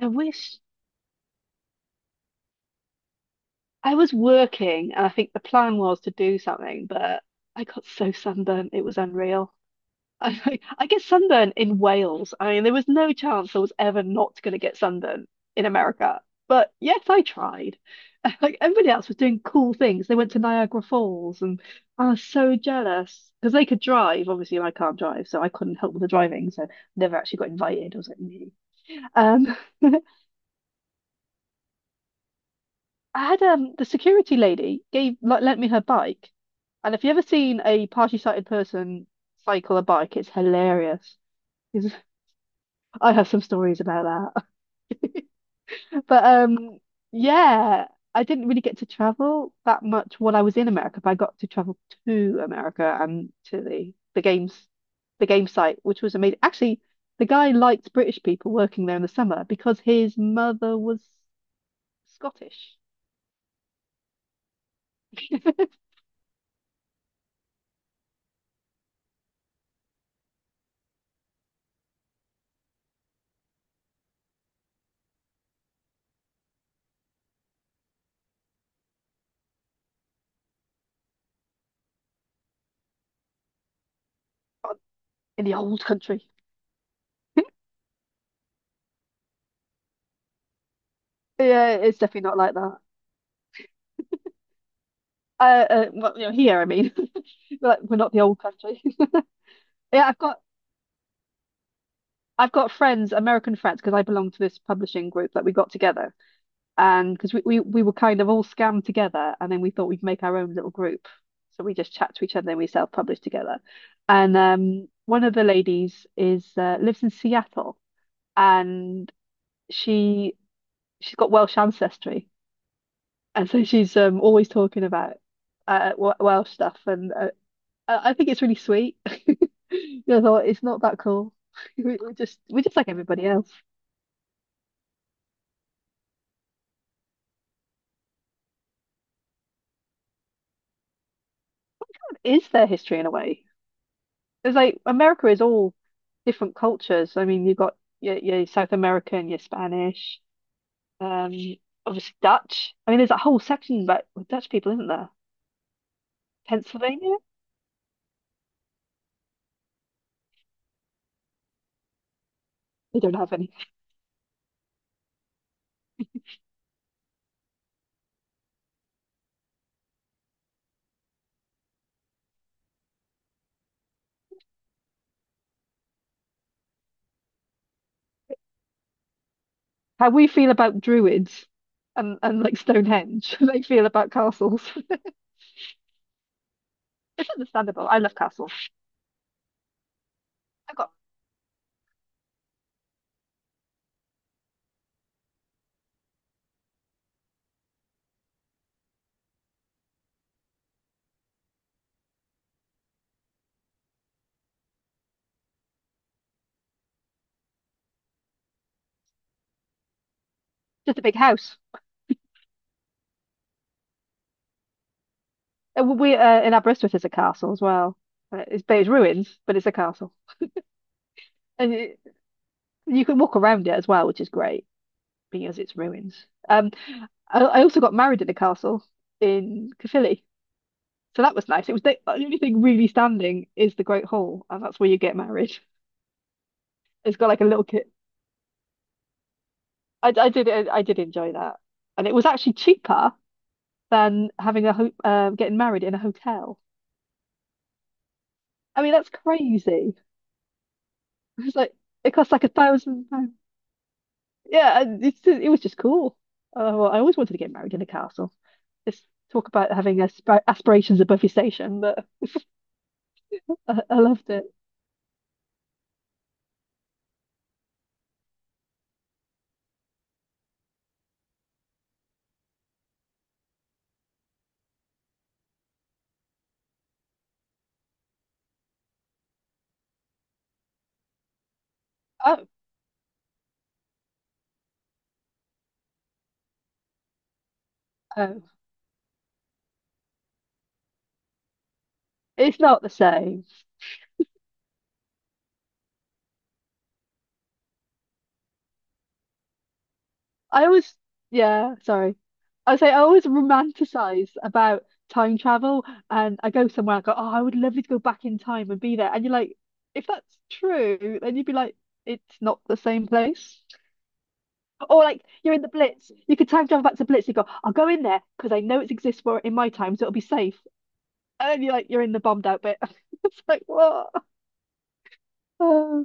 I wish I was working, and I think the plan was to do something, but I got so sunburnt, it was unreal. I, I get sunburnt in Wales. I mean, there was no chance I was ever not going to get sunburnt in America. But yes, I tried. Like everybody else was doing cool things. They went to Niagara Falls, and I was so jealous because they could drive, obviously, and I can't drive, so I couldn't help with the driving. So never actually got invited. I was like, me. Um, I had the security lady gave like lent me her bike, and if you ever seen a partially sighted person cycle a bike, it's hilarious. 'Cause I have some stories about that, but yeah, I didn't really get to travel that much when I was in America, but I got to travel to America and to the game site, which was amazing. Actually, the guy liked British people working there in the summer because his mother was Scottish in the old country. Yeah, it's definitely not like that. Uh, well, here I mean, we're like we're not the old country. Yeah, I've got friends, American friends, because I belong to this publishing group that we got together, and because we were kind of all scammed together, and then we thought we'd make our own little group, so we just chat to each other and we self-publish together. And one of the ladies is lives in Seattle, and she she's got Welsh ancestry, and so she's always talking about Welsh stuff and. I think it's really sweet. You know, though, it's not that cool. We're just like everybody else. What is their history in a way? It's like America is all different cultures. I mean, you've got your South American, your Spanish, um, obviously Dutch. I mean, there's a whole section about with Dutch people, isn't there? Pennsylvania? They don't have any. How we feel about druids and like Stonehenge, they feel about castles. It's understandable. I love castles. I've got just a big house. We In Aberystwyth there's a castle as well. It's but it's ruins, but it's a castle, and you can walk around it as well, which is great because it's ruins. I also got married in a castle in Caerphilly, so that was nice. It was the only thing really standing is the Great Hall, and that's where you get married. It's got like a little kit. I did enjoy that, and it was actually cheaper than having a ho getting married in a hotel. I mean that's crazy. It's like it costs like £1,000. Yeah, and it's just, it was just cool. Well, I always wanted to get married in a castle. Just talk about having aspirations above your station, but I loved it. Oh, oh, it's not the same. I always, yeah, sorry. I say I always romanticize about time travel, and I go somewhere. I go, oh, I would love to go back in time and be there. And you're like, if that's true, then you'd be like, it's not the same place. Or like you're in the Blitz, you could time travel back to Blitz. You go, I'll go in there because I know it exists for in my time, so it'll be safe. And then you're like, you're in the bombed out bit. It's like what? Oh,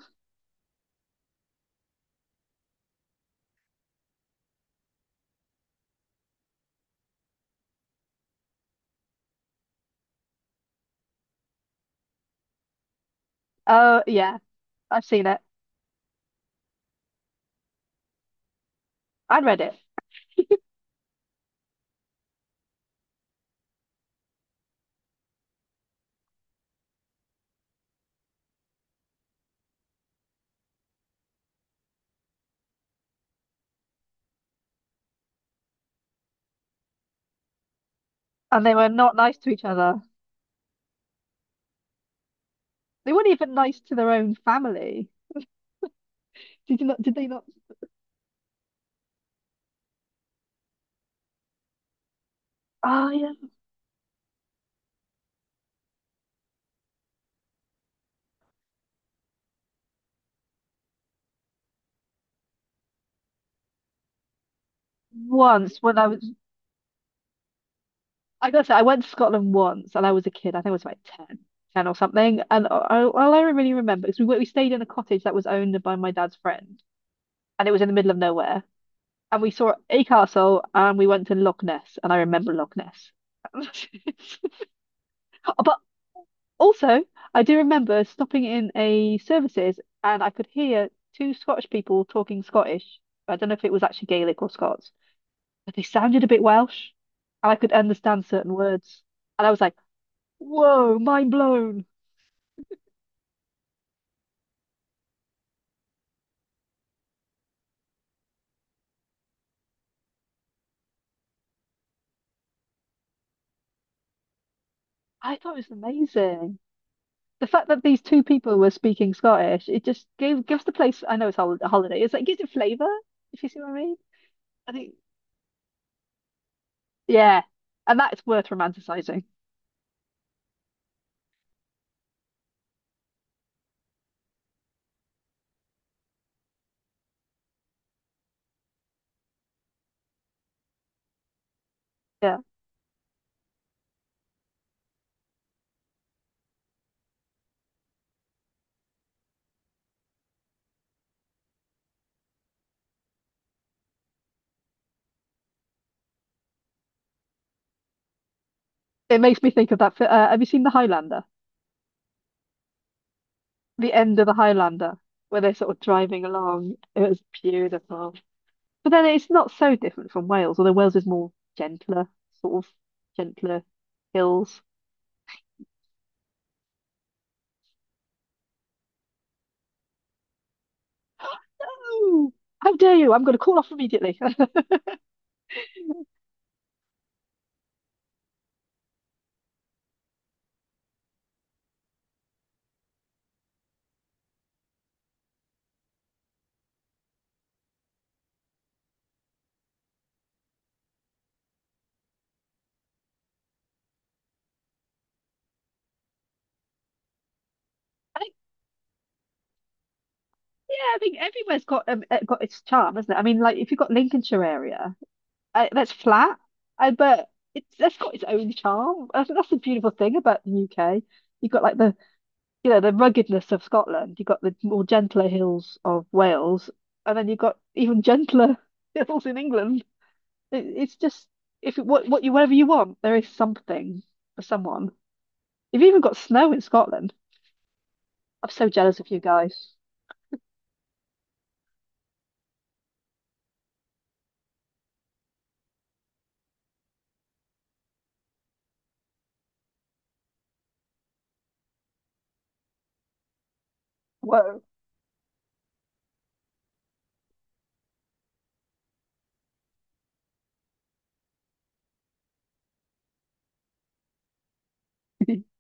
oh, yeah, I've seen it. I read it, and they were not nice to each other. They weren't even nice to their own family. Did you not? Did they not? Oh yeah. Once when I was, I gotta say, I went to Scotland once, and I was a kid. I think I was like 10, 10 or something. And all I really remember is we stayed in a cottage that was owned by my dad's friend, and it was in the middle of nowhere. And we saw a castle and we went to Loch Ness and I remember Loch Ness. But also, I do remember stopping in a services and I could hear two Scottish people talking Scottish. I don't know if it was actually Gaelic or Scots, but they sounded a bit Welsh and I could understand certain words. And I was like, whoa, mind blown. I thought it was amazing. The fact that these two people were speaking Scottish, it just gave gives the place, I know it's a holiday, it's like gives it flavour, if you see what I mean. I think yeah, and that's worth romanticizing. Yeah, it makes me think of that. Have you seen The Highlander? The end of The Highlander, where they're sort of driving along. It was beautiful. But then it's not so different from Wales, although Wales is more gentler, sort of gentler hills. Oh, how dare you! I'm going to call off immediately. I think, yeah, I think everywhere's got its charm, hasn't it? I mean, like if you've got Lincolnshire area. I, that's flat. I but it's that's got its own charm. I think that's the beautiful thing about the UK. You've got like the you know the ruggedness of Scotland. You've got the more gentler hills of Wales, and then you've got even gentler hills in England. It's just if it, what you whatever you want, there is something for someone. You've even got snow in Scotland. I'm so jealous of you guys. Whoa.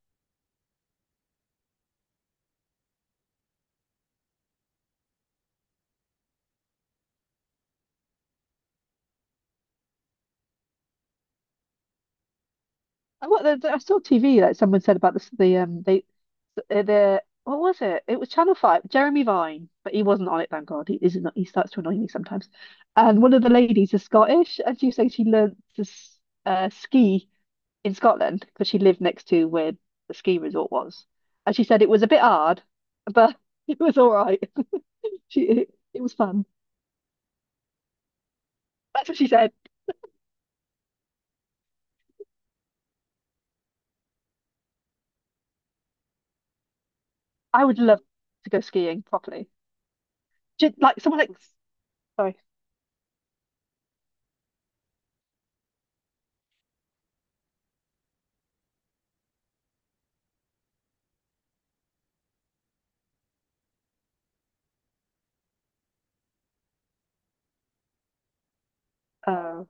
I- What I saw TV like someone said about this the they the what was it? It was Channel Five, Jeremy Vine, but he wasn't on it. Thank God, he is not. He starts to annoy me sometimes. And one of the ladies is Scottish, and she was saying she learned to ski in Scotland because she lived next to where the ski resort was, and she said it was a bit hard, but it was all right. She It, it was fun. That's what she said. I would love to go skiing properly, like someone like sorry. Oh,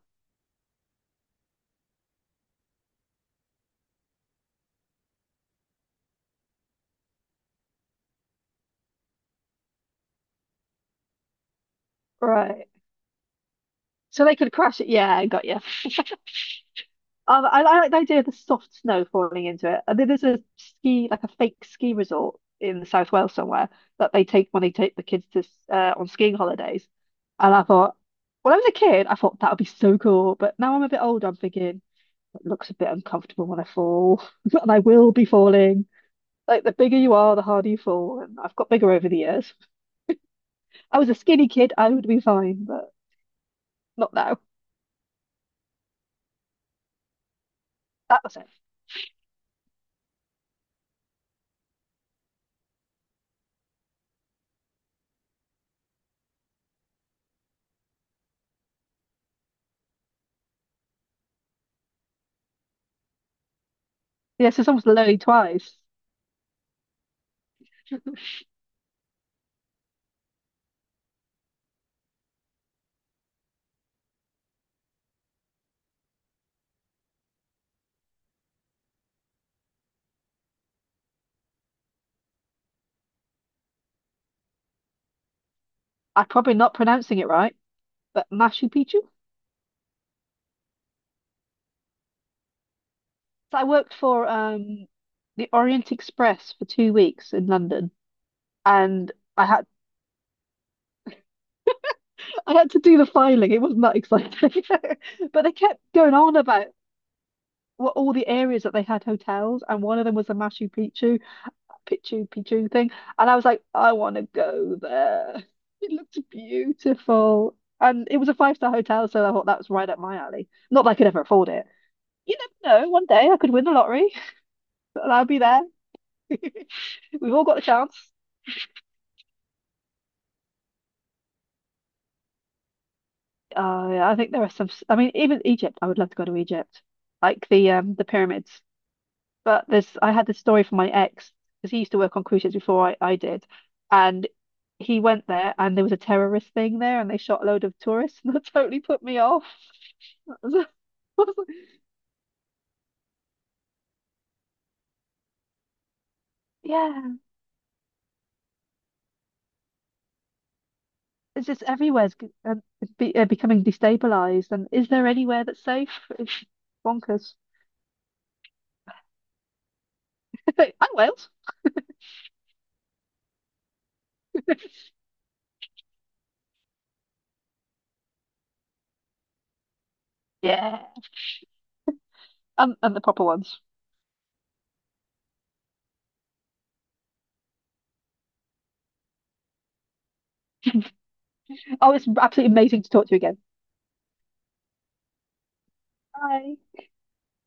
right. So they could crash it. Yeah, I got you. I like the idea of the soft snow falling into it. I think there's a ski, like a fake ski resort in South Wales somewhere that they take when they take the kids to on skiing holidays. And I thought, when I was a kid, I thought that would be so cool. But now I'm a bit older, I'm thinking it looks a bit uncomfortable when I fall, and I will be falling. Like the bigger you are, the harder you fall. And I've got bigger over the years. I was a skinny kid, I would be fine, but not now. That was it. Yeah, so someone's lonely twice. I'm probably not pronouncing it right, but Machu Picchu. So I worked for the Orient Express for 2 weeks in London, and I had to do the filing. It wasn't that exciting, but they kept going on about what all the areas that they had hotels, and one of them was the Machu Picchu, Picchu Picchu thing, and I was like, I want to go there. It looked beautiful, and it was a five-star hotel, so I thought that was right up my alley. Not that I could ever afford it. You never know. One day I could win the lottery. And I'll be there. We've all got the chance. Yeah, I think there are some. I mean, even Egypt. I would love to go to Egypt, like the pyramids. But there's, I had this story from my ex because he used to work on cruise ships before I did, and he went there and there was a terrorist thing there and they shot a load of tourists and that totally put me off. I was like- I was like, yeah, it's just everywhere's becoming destabilized. And is there anywhere that's safe? It's bonkers. Oh, Wales. Yeah. And the proper ones. Oh, it's absolutely amazing to talk to you again. Bye.